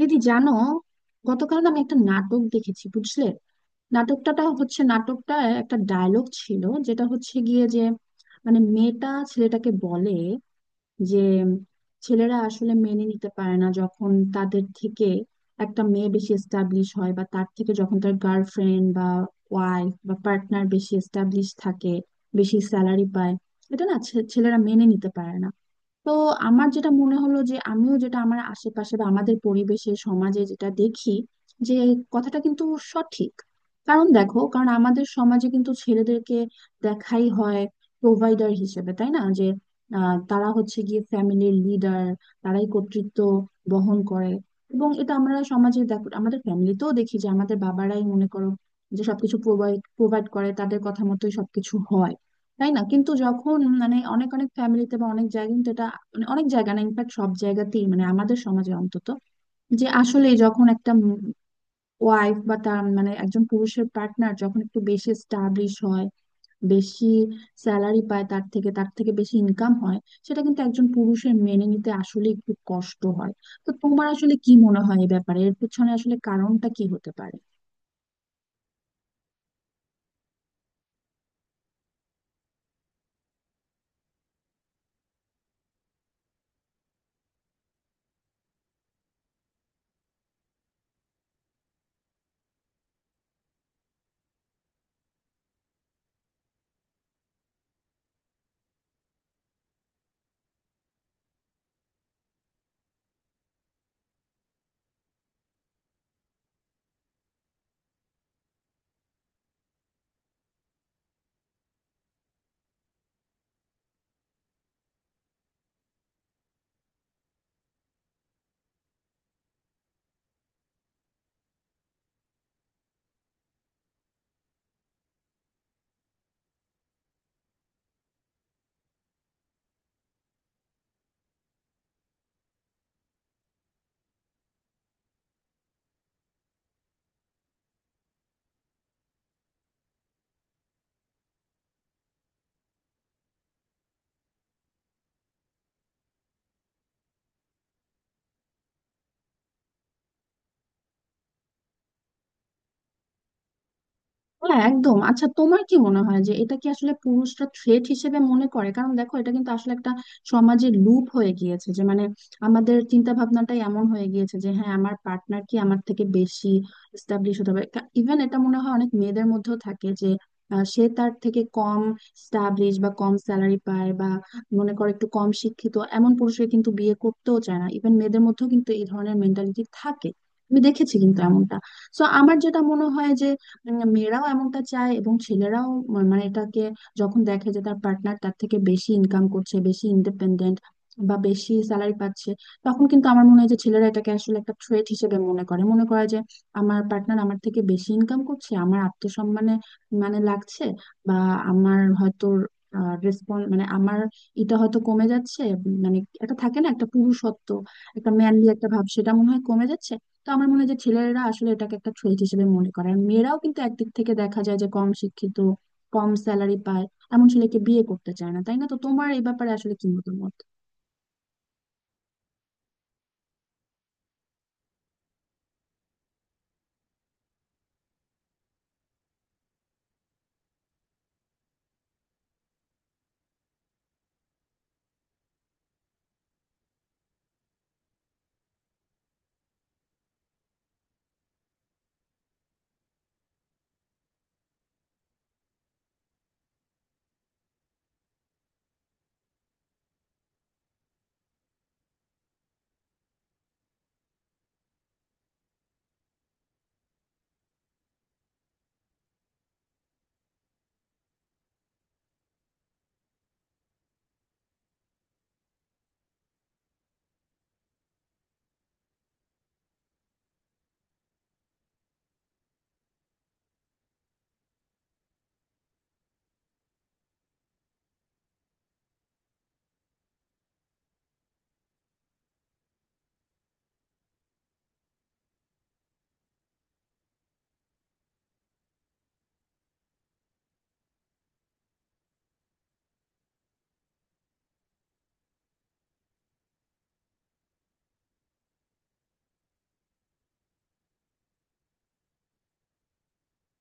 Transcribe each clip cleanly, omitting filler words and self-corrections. দিদি, জানো? গতকাল না আমি একটা নাটক দেখেছি, বুঝলে। নাটকটা নাটকটা একটা ডায়লগ ছিল, যেটা হচ্ছে গিয়ে যে মানে মেয়েটা ছেলেটাকে বলে যে ছেলেরা আসলে মেনে নিতে পারে না যখন তাদের থেকে একটা মেয়ে বেশি এস্টাবলিশ হয়, বা তার থেকে যখন তার গার্লফ্রেন্ড বা ওয়াইফ বা পার্টনার বেশি এস্টাবলিশ থাকে, বেশি স্যালারি পায়। এটা না ছেলেরা মেনে নিতে পারে না। তো আমার যেটা মনে হলো যে আমিও যেটা আমার আশেপাশে বা আমাদের পরিবেশে সমাজে যেটা দেখি যে কথাটা কিন্তু সঠিক। কারণ দেখো, কারণ আমাদের সমাজে কিন্তু ছেলেদেরকে দেখাই হয় প্রোভাইডার হিসেবে, তাই না? যে তারা হচ্ছে গিয়ে ফ্যামিলির লিডার, তারাই কর্তৃত্ব বহন করে। এবং এটা আমরা সমাজে দেখো, আমাদের ফ্যামিলিতেও দেখি যে আমাদের বাবারাই মনে করো যে সবকিছু প্রোভাইড প্রোভাইড করে, তাদের কথা মতোই সবকিছু হয়, তাই না? কিন্তু যখন মানে অনেক অনেক ফ্যামিলিতে বা অনেক জায়গায়, মানে অনেক জায়গা না, ইনফ্যাক্ট সব জায়গাতেই, মানে আমাদের সমাজে অন্তত, যে আসলে যখন একটা ওয়াইফ বা তার মানে একজন পুরুষের পার্টনার যখন একটু বেশি স্টাবলিশ হয়, বেশি স্যালারি পায়, তার থেকে বেশি ইনকাম হয়, সেটা কিন্তু একজন পুরুষের মেনে নিতে আসলে একটু কষ্ট হয়। তো তোমার আসলে কি মনে হয় এই ব্যাপারে, এর পিছনে আসলে কারণটা কি হতে পারে? হ্যাঁ, একদম। আচ্ছা, তোমার কি মনে হয় যে এটা কি আসলে পুরুষরা থ্রেট হিসেবে মনে করে? কারণ দেখো, এটা কিন্তু আসলে একটা সমাজের লুপ হয়ে গিয়েছে, যে মানে আমাদের চিন্তা ভাবনাটাই এমন হয়ে গিয়েছে যে হ্যাঁ, আমার পার্টনার কি আমার থেকে বেশি এস্টাবলিশ হতে হবে। ইভেন এটা মনে হয় অনেক মেয়েদের মধ্যেও থাকে যে সে তার থেকে কম স্টাবলিশ বা কম স্যালারি পায়, বা মনে করে একটু কম শিক্ষিত, এমন পুরুষকে কিন্তু বিয়ে করতেও চায় না। ইভেন মেয়েদের মধ্যেও কিন্তু এই ধরনের মেন্টালিটি থাকে, আমি দেখেছি কিন্তু এমনটা। সো আমার যেটা মনে হয় যে মেয়েরাও এমনটা চায় এবং ছেলেরাও। মানে এটাকে যখন দেখে যে তার পার্টনার তার থেকে বেশি ইনকাম করছে, বেশি ইন্ডিপেন্ডেন্ট বা বেশি স্যালারি পাচ্ছে, তখন কিন্তু আমার মনে হয় যে ছেলেরা এটাকে আসলে একটা থ্রেট হিসেবে মনে করে, মনে করে যে আমার পার্টনার আমার থেকে বেশি ইনকাম করছে, আমার আত্মসম্মানে মানে লাগছে, বা আমার হয়তো রেসপন্স মানে আমার এটা হয়তো কমে যাচ্ছে, মানে এটা থাকে না একটা পুরুষত্ব, একটা ম্যানলি একটা ভাব, সেটা মনে হয় কমে যাচ্ছে। তো আমার মনে হয় যে ছেলেরা আসলে এটাকে একটা থ্রেট হিসেবে মনে করে। আর মেয়েরাও কিন্তু একদিক থেকে দেখা যায় যে কম শিক্ষিত, কম স্যালারি পায়, এমন ছেলেকে বিয়ে করতে চায় না, তাই না? তো তোমার এই ব্যাপারে আসলে কি মতামত?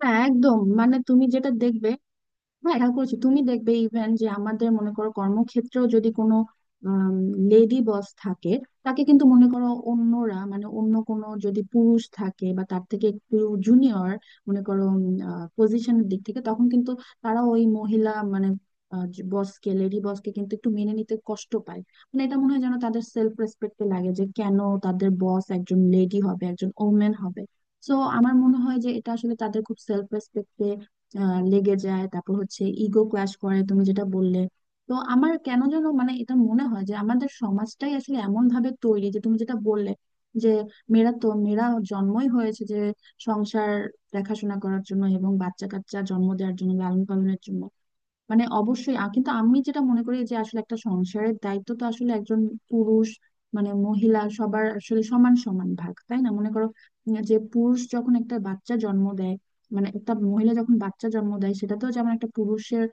হ্যাঁ, একদম। মানে তুমি যেটা দেখবে, হ্যাঁ এটা করেছি, তুমি দেখবে ইভেন যে আমাদের মনে করো কর্মক্ষেত্রেও যদি কোনো লেডি বস থাকে, তাকে কিন্তু মনে করো অন্যরা, মানে অন্য কোনো যদি পুরুষ থাকে বা তার থেকে একটু জুনিয়র, মনে করো পজিশনের দিক থেকে, তখন কিন্তু তারা ওই মহিলা মানে বসকে, লেডি বসকে কিন্তু একটু মেনে নিতে কষ্ট পায়। মানে এটা মনে হয় যেন তাদের সেলফ রেসপেক্টে লাগে যে কেন তাদের বস একজন লেডি হবে, একজন ওমেন হবে। সো আমার মনে হয় যে এটা আসলে তাদের খুব সেলফ রেসপেক্টে লেগে যায়। তারপর হচ্ছে ইগো ক্লাশ করে, তুমি যেটা বললে। তো আমার কেন যেন মানে এটা মনে হয় যে আমাদের সমাজটাই আসলে এমন ভাবে তৈরি, যে তুমি যেটা বললে যে মেয়েরা তো মেয়েরা জন্মই হয়েছে যে সংসার দেখাশোনা করার জন্য এবং বাচ্চা কাচ্চা জন্ম দেওয়ার জন্য, লালন পালনের জন্য। মানে অবশ্যই কিন্তু আমি যেটা মনে করি যে আসলে একটা সংসারের দায়িত্ব তো আসলে একজন পুরুষ মানে মহিলা সবার আসলে সমান সমান ভাগ, তাই না? মনে করো যে পুরুষ যখন একটা বাচ্চা জন্ম দেয়, মানে একটা মহিলা যখন বাচ্চা জন্ম দেয়, সেটা তো যেমন একটা পুরুষের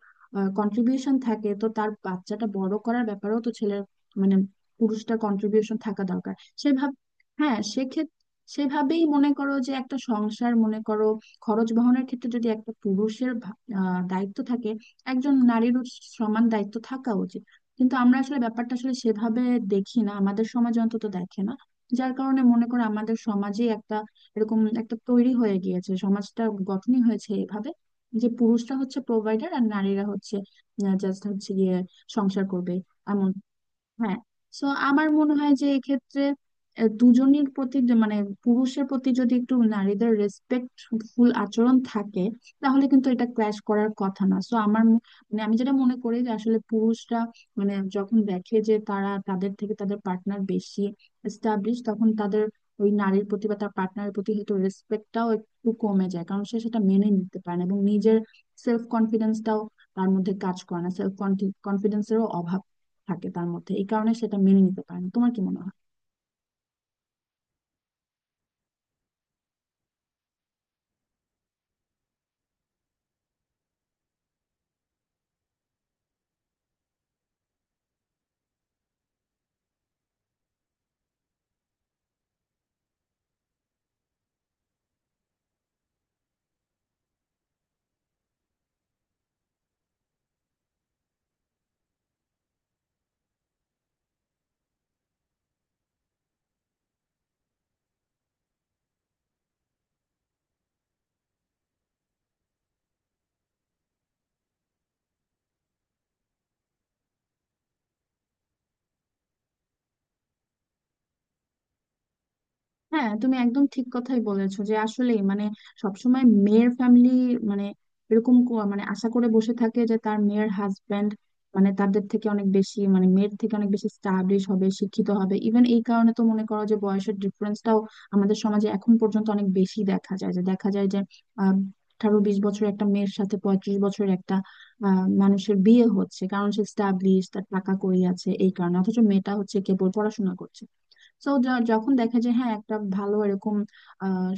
কন্ট্রিবিউশন থাকে, তো তার বাচ্চাটা বড় করার ব্যাপারেও তো ছেলের মানে পুরুষটা কন্ট্রিবিউশন থাকা দরকার সেভাবে। হ্যাঁ সেক্ষেত্রে সেভাবেই মনে করো যে একটা সংসার, মনে করো খরচ বহনের ক্ষেত্রে যদি একটা পুরুষের দায়িত্ব থাকে, একজন নারীরও সমান দায়িত্ব থাকা উচিত। কিন্তু আমরা আসলে ব্যাপারটা আসলে সেভাবে দেখি না, আমাদের সমাজ অন্তত দেখে না। যার কারণে মনে করো আমাদের সমাজে একটা এরকম একটা তৈরি হয়ে গিয়েছে, সমাজটা গঠনই হয়েছে এভাবে যে পুরুষরা হচ্ছে প্রোভাইডার আর নারীরা হচ্ছে জাস্ট হচ্ছে গিয়ে সংসার করবে এমন। হ্যাঁ। সো আমার মনে হয় যে এক্ষেত্রে দুজনের প্রতি যে মানে পুরুষের প্রতি যদি একটু নারীদের রেসপেক্টফুল আচরণ থাকে, তাহলে কিন্তু এটা ক্ল্যাশ করার কথা না। সো আমার মানে আমি যেটা মনে করি যে আসলে পুরুষরা মানে যখন দেখে যে তারা তাদের থেকে তাদের পার্টনার বেশি এস্টাবলিশ, তখন তাদের ওই নারীর প্রতি বা তার পার্টনারের প্রতি হয়তো রেসপেক্টটাও একটু কমে যায়, কারণ সে সেটা মেনে নিতে পারে না। এবং নিজের সেলফ কনফিডেন্সটাও তার মধ্যে কাজ করে না, সেলফ কনফিডেন্সেরও অভাব থাকে তার মধ্যে, এই কারণে সেটা মেনে নিতে পারে না। তোমার কি মনে হয়? হ্যাঁ, তুমি একদম ঠিক কথাই বলেছো, যে আসলে মানে সবসময় মেয়ের ফ্যামিলি মানে মানে আশা করে বসে থাকে যে তার মেয়ের হাজবেন্ড মানে তাদের থেকে অনেক বেশি, মানে মেয়ের থেকে অনেক বেশি স্টাবলিশ হবে, শিক্ষিত হবে। ইভেন এই কারণে তো মনে করো যে বয়সের ডিফারেন্সটাও আমাদের সমাজে এখন পর্যন্ত অনেক বেশি দেখা যায়, যে আহ 18-20 বছর একটা মেয়ের সাথে 35 বছর একটা মানুষের বিয়ে হচ্ছে, কারণ সে স্টাবলিশ, তার টাকা কড়ি আছে, এই কারণে। অথচ মেয়েটা হচ্ছে কেবল পড়াশোনা করছে। সো যখন দেখা যায় হ্যাঁ একটা ভালো এরকম আহ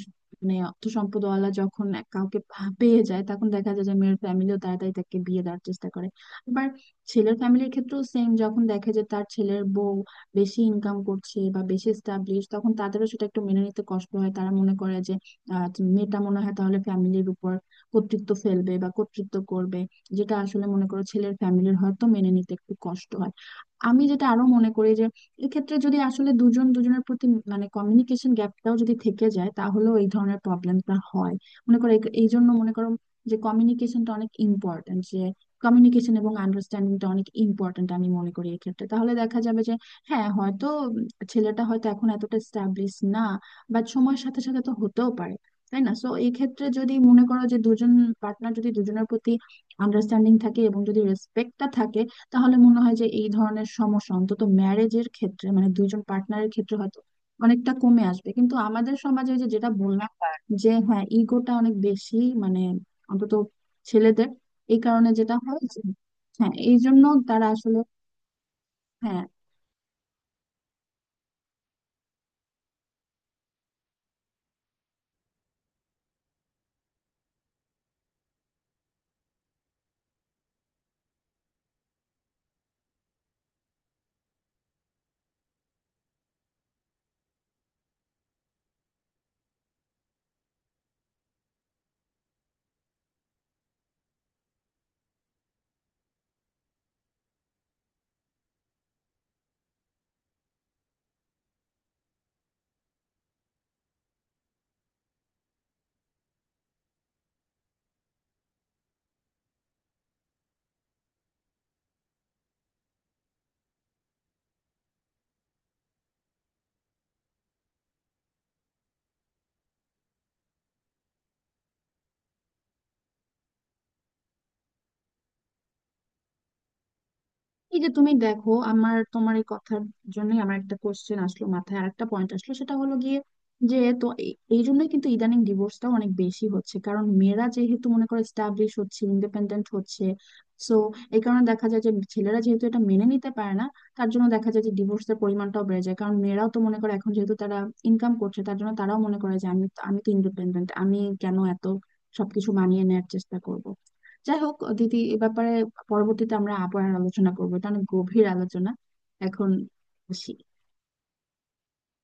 মানে অর্থ সম্পদওয়ালা যখন কাউকে পেয়ে যায়, তখন দেখা যায় যে মেয়ের ফ্যামিলিও তাড়াতাড়ি তাকে বিয়ে দেওয়ার চেষ্টা করে। আবার ছেলের ফ্যামিলির ক্ষেত্রেও সেম, যখন দেখে যে তার ছেলের বউ বেশি ইনকাম করছে বা বেশি স্টাবলিশ, তখন তাদেরও সেটা একটু মেনে নিতে কষ্ট হয়। তারা মনে করে যে আহ, মেয়েটা মনে হয় তাহলে ফ্যামিলির উপর কর্তৃত্ব ফেলবে বা কর্তৃত্ব করবে, যেটা আসলে মনে করো ছেলের ফ্যামিলির হয়তো মেনে নিতে একটু কষ্ট হয়। আমি যেটা আরো মনে করি যে এক্ষেত্রে যদি আসলে দুজন দুজনের প্রতি মানে কমিউনিকেশন গ্যাপটাও যদি থেকে যায় তাহলেও এই ধরনের প্রবলেমটা হয়। মনে করো এই এই জন্য মনে করো যে কমিউনিকেশনটা অনেক ইম্পর্ট্যান্ট, যে কমিউনিকেশন এবং আন্ডারস্ট্যান্ডিংটা অনেক ইম্পর্ট্যান্ট আমি মনে করি এক্ষেত্রে। তাহলে দেখা যাবে যে হ্যাঁ হয়তো ছেলেটা হয়তো এখন এতটা স্ট্যাবলিশ না, বাট সময়ের সাথে সাথে তো হতেও পারে, তাই না? সো এই ক্ষেত্রে যদি মনে করো যে দুজন পার্টনার যদি দুজনের প্রতি আন্ডারস্ট্যান্ডিং থাকে এবং যদি রেসপেক্টটা থাকে, তাহলে মনে হয় যে এই ধরনের সমস্যা অন্তত ম্যারেজের ক্ষেত্রে, মানে দুইজন পার্টনারের ক্ষেত্রে হয়তো অনেকটা কমে আসবে। কিন্তু আমাদের সমাজে ওই যে যেটা বললাম যে হ্যাঁ ইগোটা অনেক বেশি, মানে অন্তত ছেলেদের, এই কারণে যেটা হয় যে হ্যাঁ এই জন্য তারা আসলে হ্যাঁ। এই যে তুমি দেখো, আমার, তোমার এই কথার জন্যই আমার একটা কোশ্চেন আসলো মাথায়, আর একটা পয়েন্ট আসলো। সেটা হলো গিয়ে যে তো এই জন্যই কিন্তু ইদানিং ডিভোর্সটা অনেক বেশি হচ্ছে, কারণ মেয়েরা যেহেতু মনে করো স্টাবলিশ হচ্ছে, ইন্ডিপেন্ডেন্ট হচ্ছে। সো এই কারণে দেখা যায় যে ছেলেরা যেহেতু এটা মেনে নিতে পারে না, তার জন্য দেখা যায় যে ডিভোর্সের পরিমাণটাও বেড়ে যায়। কারণ মেয়েরাও তো মনে করো এখন যেহেতু তারা ইনকাম করছে, তার জন্য তারাও মনে করে যে আমি আমি তো ইন্ডিপেন্ডেন্ট, আমি কেন এত সবকিছু মানিয়ে নেয়ার চেষ্টা করব? যাই হোক দিদি, এ ব্যাপারে পরবর্তীতে আমরা আবার আলোচনা করবো, এটা অনেক গভীর আলোচনা। এখন আসি।